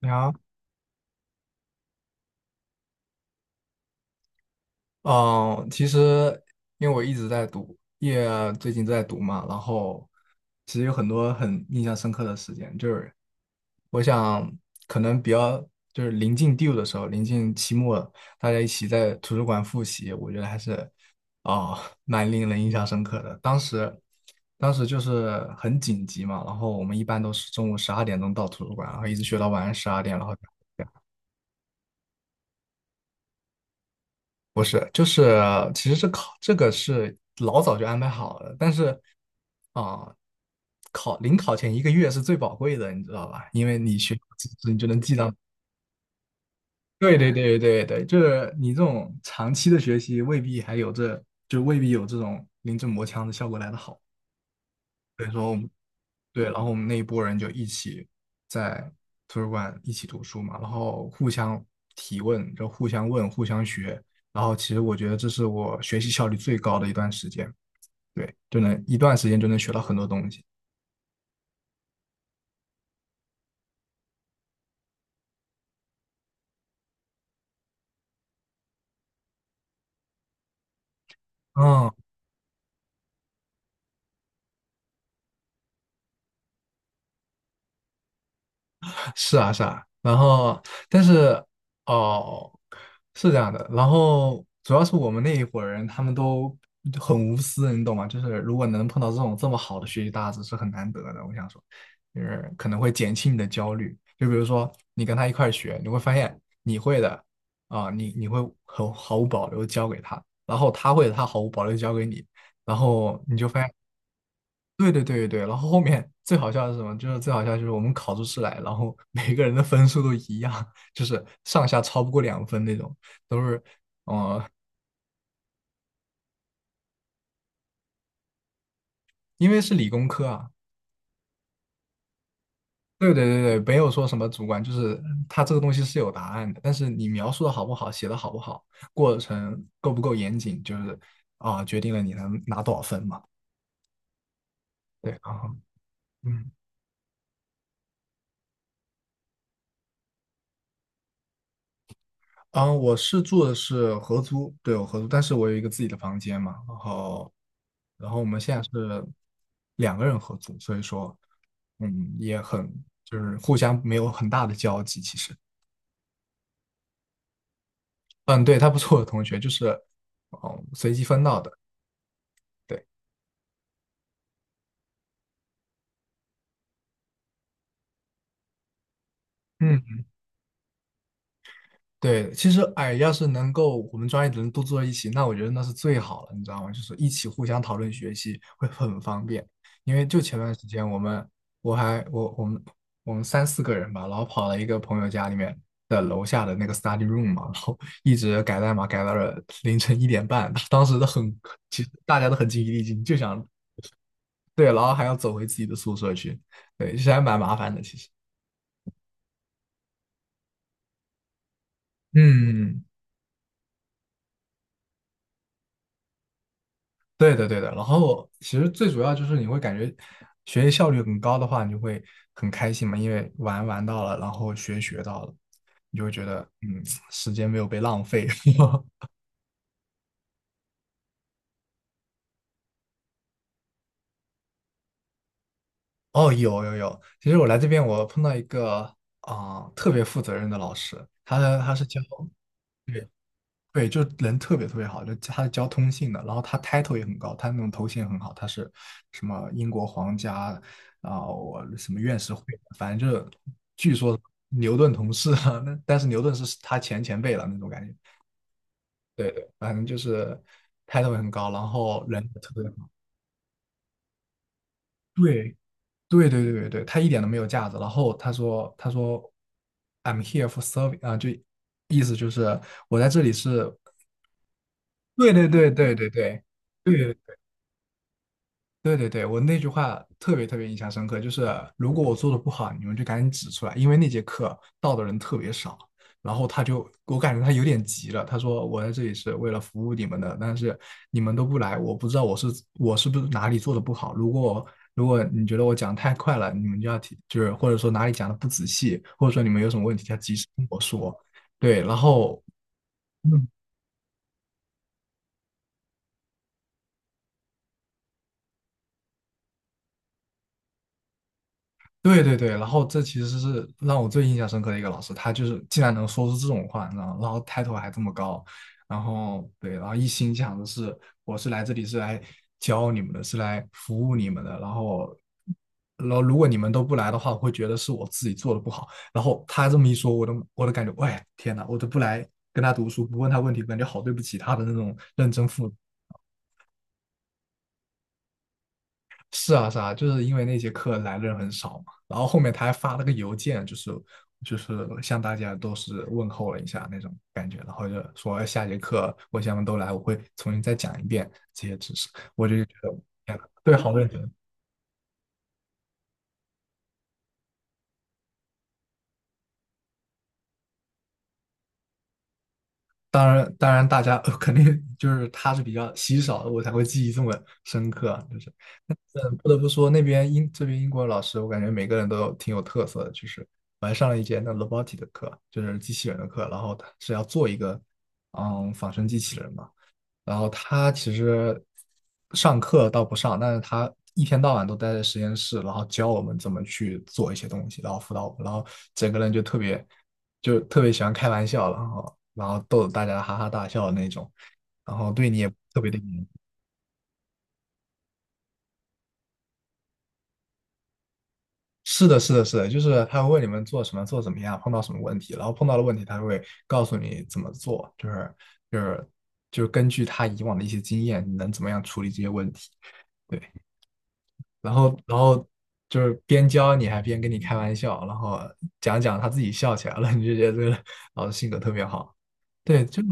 你好，嗯，其实因为我一直在读，也最近在读嘛，然后其实有很多很印象深刻的时间，就是我想可能比较就是临近 due 的时候，临近期末了大家一起在图书馆复习，我觉得还是哦蛮令人印象深刻的。当时就是很紧急嘛，然后我们一般都是中午12点钟到图书馆，然后一直学到晚上十二点，然后。不是，就是其实这个是老早就安排好了，但是啊、考前一个月是最宝贵的，你知道吧？因为你学到知识，你就能记到 对对对对对，就是你这种长期的学习，未必还有这，就未必有这种临阵磨枪的效果来得好。对，然后我们那一波人就一起在图书馆一起读书嘛，然后互相提问，就互相问，互相学。然后其实我觉得这是我学习效率最高的一段时间。对，就能一段时间就能学到很多东西。嗯，是啊，是啊。然后，但是哦，是这样的。然后主要是我们那一伙人，他们都很无私，你懂吗？就是如果能碰到这种这么好的学习搭子是很难得的。我想说，就是可能会减轻你的焦虑。就比如说你跟他一块儿学，你会发现你会的啊、你你会很毫无保留地教给他，然后他会的他毫无保留地教给你，然后你就发现。对对对对对，然后后面最好笑的是什么？就是最好笑就是我们考出试来，然后 每个人的分数都一样，就是上下超不过2分那种，都是，呃，因为是理工科啊。对对对对，没有说什么主观，就是它这个东西是有答案的，但是你描述的好不好，写的好不好，过程够不够严谨，就是决定了你能拿多少分嘛。对，然后嗯。嗯，我是住的是合租，对，我合租，但是我有一个自己的房间嘛，然后我们现在是两个人合租，所以说，也很就是互相没有很大的交集，其实。嗯，对，他不是我的同学，就是，哦，随机分到的，对，嗯。对，其实哎，要是能够我们专业的人都坐一起，那我觉得那是最好了，你知道吗？就是一起互相讨论学习会很方便。因为就前段时间我们我还我我们我们三四个人吧，然后跑了一个朋友家里面的楼下的那个 study room 嘛，然后 一直改代码改到了凌晨1点半，当时都很其实大家都很精疲力尽，就想，对，然后还要走回自己的宿舍去，对，其实还蛮麻烦的，其实。嗯。对的，对的。然后其实最主要就是你会感觉学习效率很高的话，你就会很开心嘛，因为玩玩到了，然后学学到了，你就会觉得时间没有被浪费。哦，有有有，其实我来这边我碰到一个特别负责任的老师，他是教。对，就人特别特别好，就他是教通信的，然后他 title 也很高，他那种头衔很好，他是什么英国皇家啊，我什么院士会，反正就是据说牛顿同事啊，那但是牛顿是他前辈了那种感觉。对对，反正就是 title 很高，然后人也特别好。对对对对对对，他一点都没有架子。然后他说 I'm here for serving 啊，就意思就是我在这里是，对对对对对对。对对对对，我那句话特别特别印象深刻，就是如果我做的不好，你们就赶紧指出来，因为那节课到的人特别少，然后他就，我感觉他有点急了，他说我在这里是为了服务你们的，但是你们都不来，我不知道我是不是哪里做的不好，如果你觉得我讲得太快了，你们就要提，就是或者说哪里讲的不仔细，或者说你们有什么问题要及时跟我说，对，然后。嗯，对对对，然后这其实是让我最印象深刻的一个老师，他就是竟然能说出这种话，你知道吗？然后抬头还这么高，然后对，然后一心想的是我是来这里是来教你们的，是来服务你们的，然后如果你们都不来的话，我会觉得是我自己做的不好。然后他这么一说，我都感觉，喂，天哪，我都不来跟他读书，不问他问题，感觉好对不起他的那种认真负。是啊是啊，就是因为那节课来的人很少嘛，然后后面他还发了个邮件，就是向大家都是问候了一下那种感觉，然后就说哎下节课我想们都来，我会重新再讲一遍这些知识。我就觉得天呐对，好认真。当然，当然，大家 肯定就是他是比较稀少的，我才会记忆这么深刻啊，就是不得不说，那边英这边英国老师，我感觉每个人都挺有特色的。就是我还上了一节那 robotic 的课，就是机器人的课，然后他是要做一个仿生机器人嘛。然后他其实上课倒不上，但是他一天到晚都待在实验室，然后教我们怎么去做一些东西，然后辅导我们，然后整个人就特别喜欢开玩笑，然后逗得大家哈哈大笑的那种，然后对你也特别的。是的，是的，是的，就是他会问你们做什么，做怎么样，碰到什么问题，然后碰到了问题，他会告诉你怎么做，就是就是根据他以往的一些经验，你能怎么样处理这些问题，对，然后就是边教你还边跟你开玩笑，然后讲讲他自己笑起来了，你就觉得这个老师性格特别好，对，就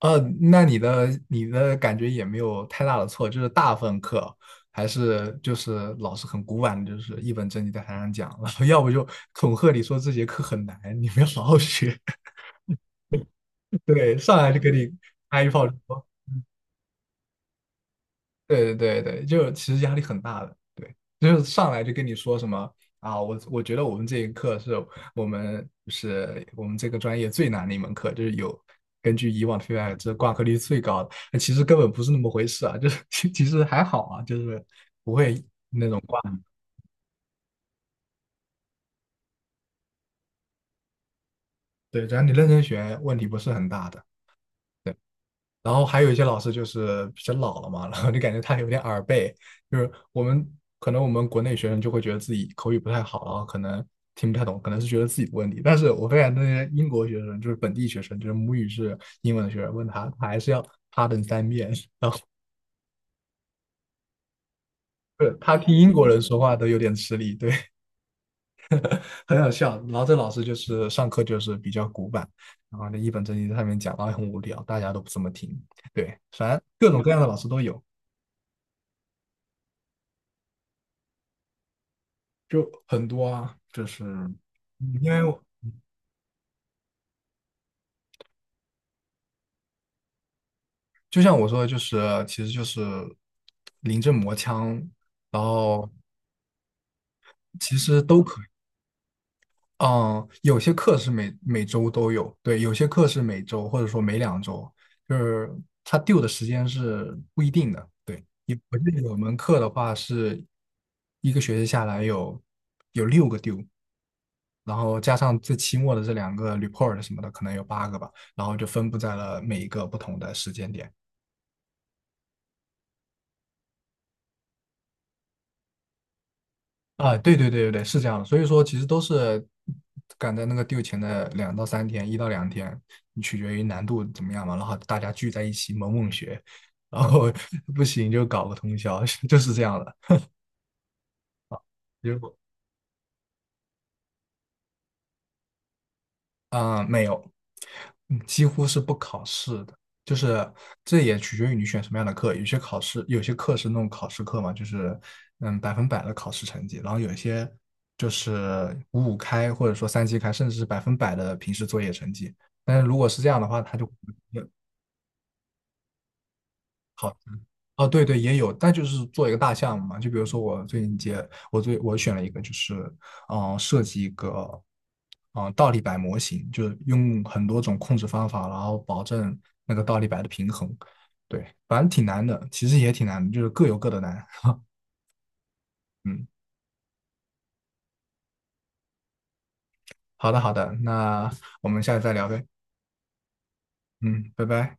呃，那你的感觉也没有太大的错，就是大部分课还是就是老师很古板的，就是一本正经在台上讲，然后要不就恐吓你说这节课很难，你们要好好学，对，上来就给你开一炮。对对对对，就其实压力很大的，对，就是上来就跟你说什么啊，我觉得我们这一课是我们就是我们这个专业最难的一门课，就是有根据以往的 feedback,这挂科率最高的，那其实根本不是那么回事啊，就是 其实还好啊，就是不会，对，只要你认真学，问题不是很大的。对。然后还有一些老师就是比较老了嘛，然后就感觉他有点耳背，就是我们可能我们国内学生就会觉得自己口语不太好，然后可能听不太懂，可能是觉得自己的问题。但是我发现那些英国学生，就是本地学生，就是母语是英文的学生，问他，他还是要 pardon 3遍，对，他听英国人说话都有点吃力，对，很好笑。然后这老师就是上课就是比较古板，然后那一本正经在上面讲，然后很无聊，大家都不怎么听，对，反正各种各样的老师都有。就很多啊，就是因为我就像我说的，就是其实就是临阵磨枪，然后其实都可以。嗯，有些课是每周都有，对，有些课是每周或者说每2周，就是他丢的时间是不一定的。对，有我记得有门课的话是一个学期下来有6个丢，然后加上最期末的这两个 report 什么的，可能有8个吧。然后就分布在了每一个不同的时间点。啊，对对对对对，是这样的。所以说，其实都是赶在那个 due 前的2到3天，1到2天，取决于难度怎么样嘛。然后大家聚在一起猛猛学，然后 不行就搞个通宵，就是这样的。果。没有，几乎是不考试的，就是这也取决于你选什么样的课。有些考试，有些课是那种考试课嘛，就是百分百的考试成绩，然后有一些就是五五开或者说三七开，甚至是百分百的平时作业成绩。但是如果是这样的话，它就好。哦，对对，也有，但就是做一个大项目嘛。就比如说我最近接，我最我选了一个，就是设计一个倒立摆模型，就是用很多种控制方法，然后保证那个倒立摆的平衡。对，反正挺难的，其实也挺难的，就是各有各的难。嗯，好的好的，那我们下次再聊呗。嗯，拜拜。